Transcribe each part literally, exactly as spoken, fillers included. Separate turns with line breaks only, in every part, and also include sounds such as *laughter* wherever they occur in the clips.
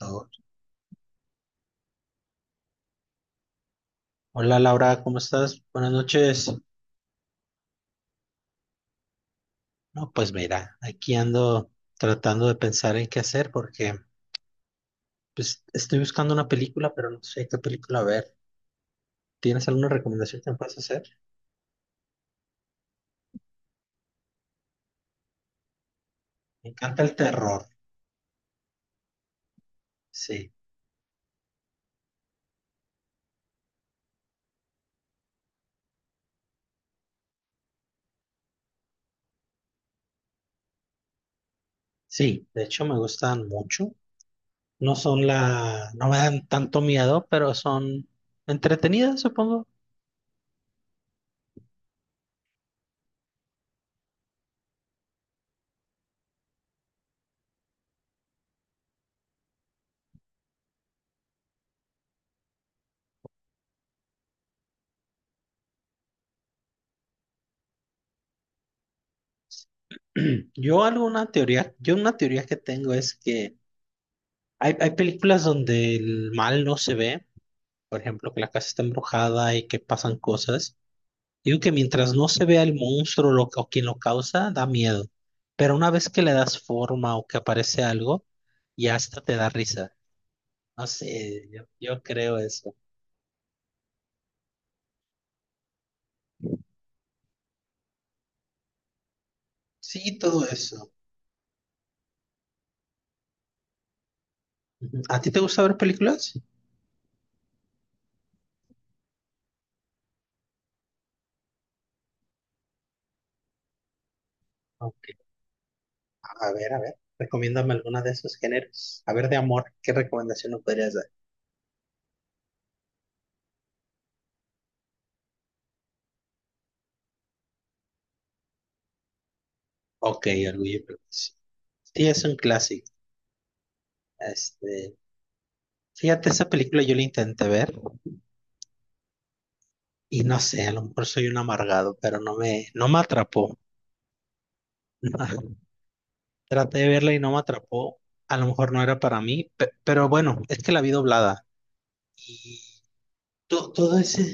Oh, hola Laura, ¿cómo estás? Buenas noches. No, pues mira, aquí ando tratando de pensar en qué hacer porque pues estoy buscando una película, pero no sé qué película ver. ¿Tienes alguna recomendación que me puedas hacer? Me encanta el terror. Sí, sí, de hecho me gustan mucho. No son la, no me dan tanto miedo, pero son entretenidas, supongo. *clears throat* Yo alguna teoría, yo una teoría que tengo es que hay, hay películas donde el mal no se ve, por ejemplo, que la casa está embrujada y que pasan cosas. Digo que mientras no se vea el monstruo lo- o quien lo causa, da miedo. Pero una vez que le das forma o que aparece algo, ya hasta te da risa. No sé, yo, yo creo eso. Sí, todo eso. Ujú. ¿A ti te gusta ver películas? Ok, a ver, a ver. Recomiéndame alguna de esos géneros. A ver, de amor, ¿qué recomendación nos podrías dar? Ok, Orgullo y Prejuicio. Sí, es un clásico. Este, fíjate, esa película yo la intenté ver. Y no sé, a lo mejor soy un amargado, pero no me, no me atrapó. *laughs* Traté de verla y no me atrapó. A lo mejor no era para mí, pe- pero bueno, es que la vi doblada. Y to- todo ese,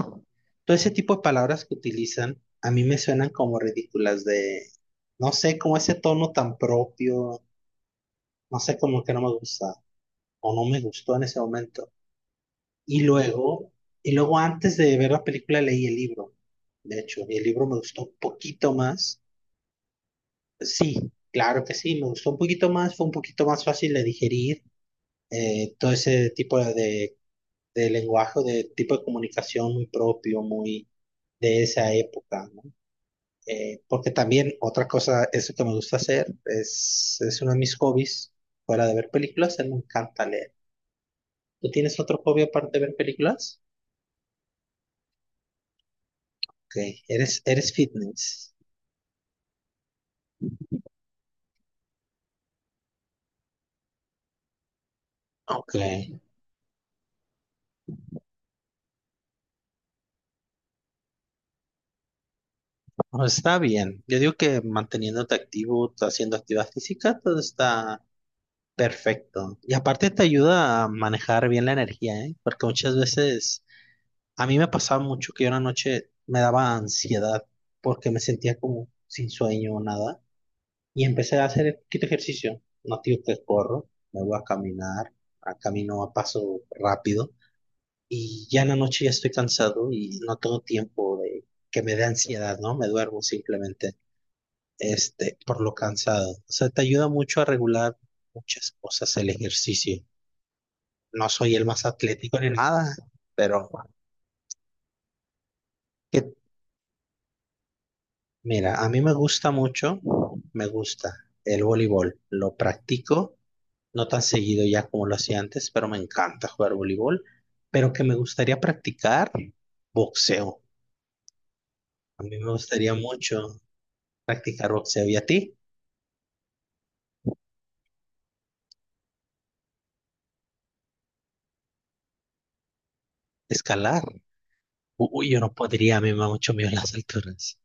todo ese tipo de palabras que utilizan a mí me suenan como ridículas, de no sé, como ese tono tan propio, no sé, como que no me gusta o no me gustó en ese momento. Y luego, y luego antes de ver la película leí el libro. De hecho, y el libro me gustó un poquito más. Sí, claro que sí, me gustó un poquito más, fue un poquito más fácil de digerir eh, todo ese tipo de, de lenguaje, de tipo de comunicación muy propio, muy de esa época, ¿no? Eh, porque también otra cosa, eso que me gusta hacer, es, es uno de mis hobbies, fuera de ver películas, a mí me encanta leer. ¿Tú tienes otro hobby aparte de ver películas? Ok, eres, eres fitness. Ok, bueno, está bien. Yo digo que manteniéndote activo, haciendo actividad física, todo está perfecto. Y aparte te ayuda a manejar bien la energía, ¿eh? Porque muchas veces a mí me pasaba mucho que yo una noche me daba ansiedad porque me sentía como sin sueño o nada. Y empecé a hacer un poquito de ejercicio. No digo que corro, me voy a caminar, a camino a paso rápido. Y ya en la noche ya estoy cansado y no tengo tiempo de que me dé ansiedad, ¿no? Me duermo simplemente, este, por lo cansado. O sea, te ayuda mucho a regular muchas cosas el ejercicio. No soy el más atlético ni nada, pero que, mira, a mí me gusta mucho, me gusta el voleibol. Lo practico, no tan seguido ya como lo hacía antes, pero me encanta jugar voleibol. Pero que me gustaría practicar boxeo. A mí me gustaría mucho practicar boxeo. ¿Y a ti? Escalar. Uy, yo no podría, a mí me da mucho miedo las alturas.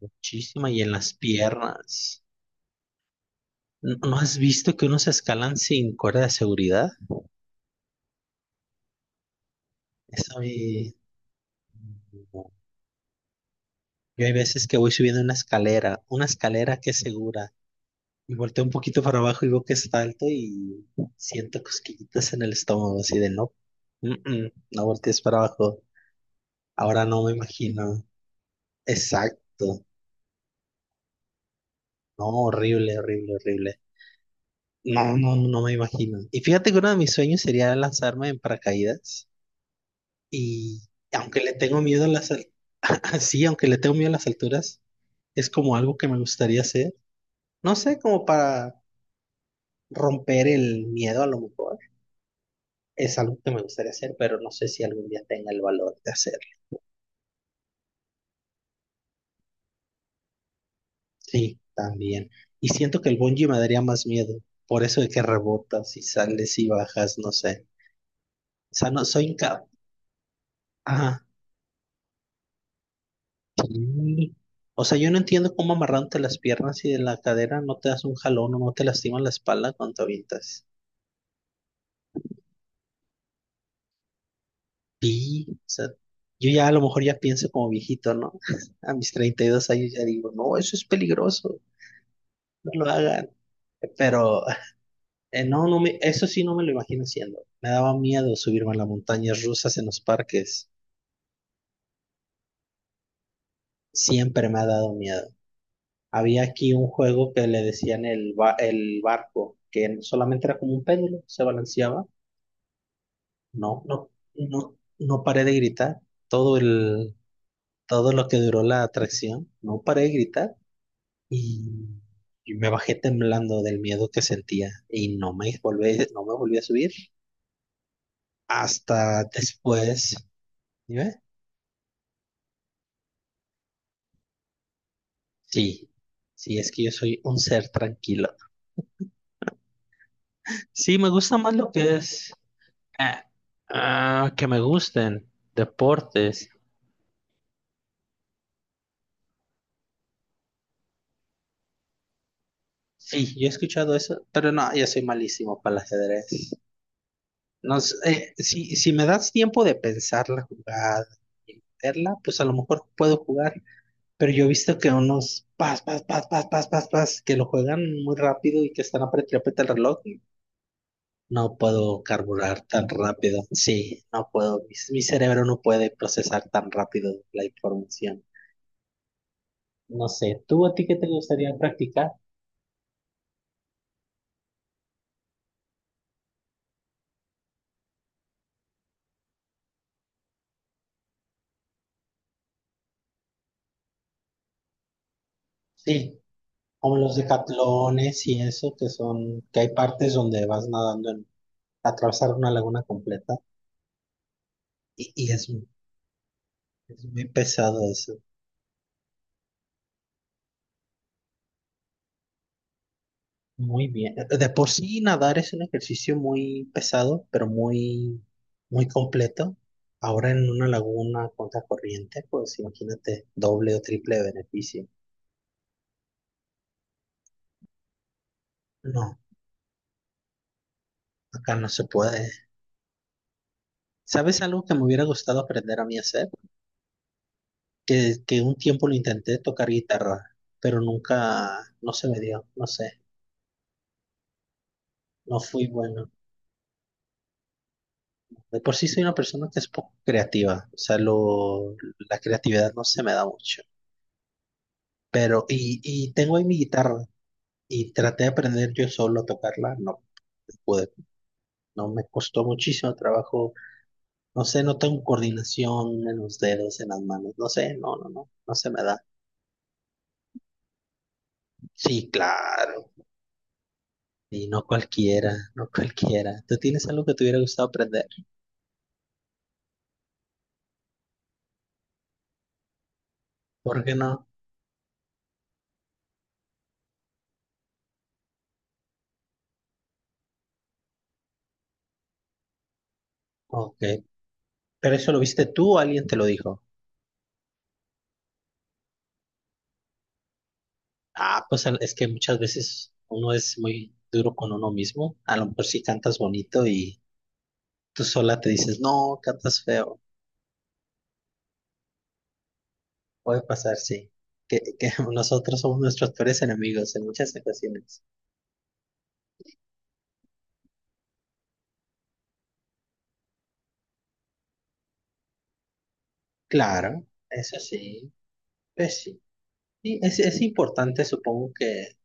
Muchísima y en las piernas. ¿No no has visto que unos escalan sin cuerda de seguridad? Eso a mí no. Yo hay veces que voy subiendo una escalera, una escalera que es segura, y volteo un poquito para abajo y veo que está alto y siento cosquillitas en el estómago, así de no, mm, mm, no voltees para abajo. Ahora no me imagino. Exacto. No, horrible, horrible, horrible. No, no, no me imagino. Y fíjate que uno de mis sueños sería lanzarme en paracaídas y, aunque le tengo miedo a las, al- *laughs* sí, aunque le tengo miedo a las alturas, es como algo que me gustaría hacer. No sé, como para romper el miedo a lo mejor. Es algo que me gustaría hacer, pero no sé si algún día tenga el valor de hacerlo. Sí, también. Y siento que el bungee me daría más miedo. Por eso de que rebotas y sales y bajas, no sé. O sea, no, soy incapaz. Ah, sí. O sea, yo no entiendo cómo amarrándote las piernas y de la cadera no te das un jalón o no te lastimas la espalda cuando te avientas. Sí, o sea, yo ya a lo mejor ya pienso como viejito, ¿no? *laughs* A mis treinta y dos años ya digo, no, eso es peligroso, no lo hagan. Pero eh, no, no me, eso sí no me lo imagino haciendo. Me daba miedo subirme a las montañas rusas en los parques. Siempre me ha dado miedo. Había aquí un juego que le decían el, ba- el barco, que solamente era como un péndulo, se balanceaba. No, no, no, no paré de gritar. Todo el, todo lo que duró la atracción, no paré de gritar. Y, y me bajé temblando del miedo que sentía. Y no me volví, no me volví a subir hasta después. ¿Sí ves? Sí, sí, es que yo soy un ser tranquilo. Sí, me gusta más lo que es ah, ah, que me gusten deportes. Sí, yo he escuchado eso, pero no, yo soy malísimo para el ajedrez. No sé, eh, si, si me das tiempo de pensar la jugada y meterla, pues a lo mejor puedo jugar, pero yo he visto que unos pas, pas, pas, pas, pas, pas, pas, que lo juegan muy rápido y que están apretando el reloj. No puedo carburar tan rápido. Sí, no puedo. Mi, mi cerebro no puede procesar tan rápido la información. No sé, ¿tú a ti qué te gustaría practicar? Sí, como los decatlones y eso, que son, que hay partes donde vas nadando en, atravesar una laguna completa y, y es, es muy pesado eso. Muy bien. De por sí nadar es un ejercicio muy pesado, pero muy, muy completo. Ahora en una laguna contra corriente, pues imagínate doble o triple beneficio. No, acá no se puede. ¿Sabes algo que me hubiera gustado aprender a mí a hacer? Que, que un tiempo lo intenté tocar guitarra, pero nunca, no se me dio, no sé, no fui bueno. De por sí soy una persona que es poco creativa, o sea, lo, la creatividad no se me da mucho. Pero, y, y tengo ahí mi guitarra, y traté de aprender yo solo a tocarla, no pude, no me costó muchísimo trabajo, no sé, no tengo coordinación en los dedos, en las manos, no sé, no, no, no, no se me da. Sí, claro, y no cualquiera, no cualquiera. ¿Tú tienes algo que te hubiera gustado aprender? ¿Por qué no? Ok, pero eso lo viste tú o alguien te lo dijo. Ah, pues al- es que muchas veces uno es muy duro con uno mismo, a lo mejor si cantas bonito y tú sola te dices, no, cantas feo. Puede pasar, sí. Que, que *laughs* nosotros somos nuestros peores enemigos en muchas ocasiones. Claro, eso sí, pues sí. Y es, es importante, supongo que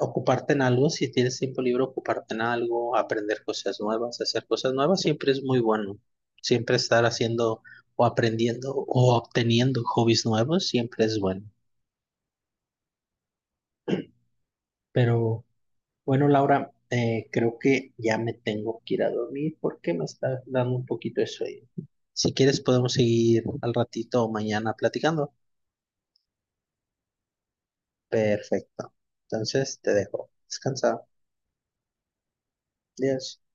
ocuparte en algo, si tienes tiempo libre, ocuparte en algo, aprender cosas nuevas, hacer cosas nuevas, siempre es muy bueno. Siempre estar haciendo o aprendiendo o obteniendo hobbies nuevos, siempre es bueno. Pero bueno, Laura, eh, creo que ya me tengo que ir a dormir porque me está dando un poquito de sueño. Si quieres, podemos seguir al ratito o mañana platicando. Perfecto. Entonces, te dejo. Descansa. Adiós.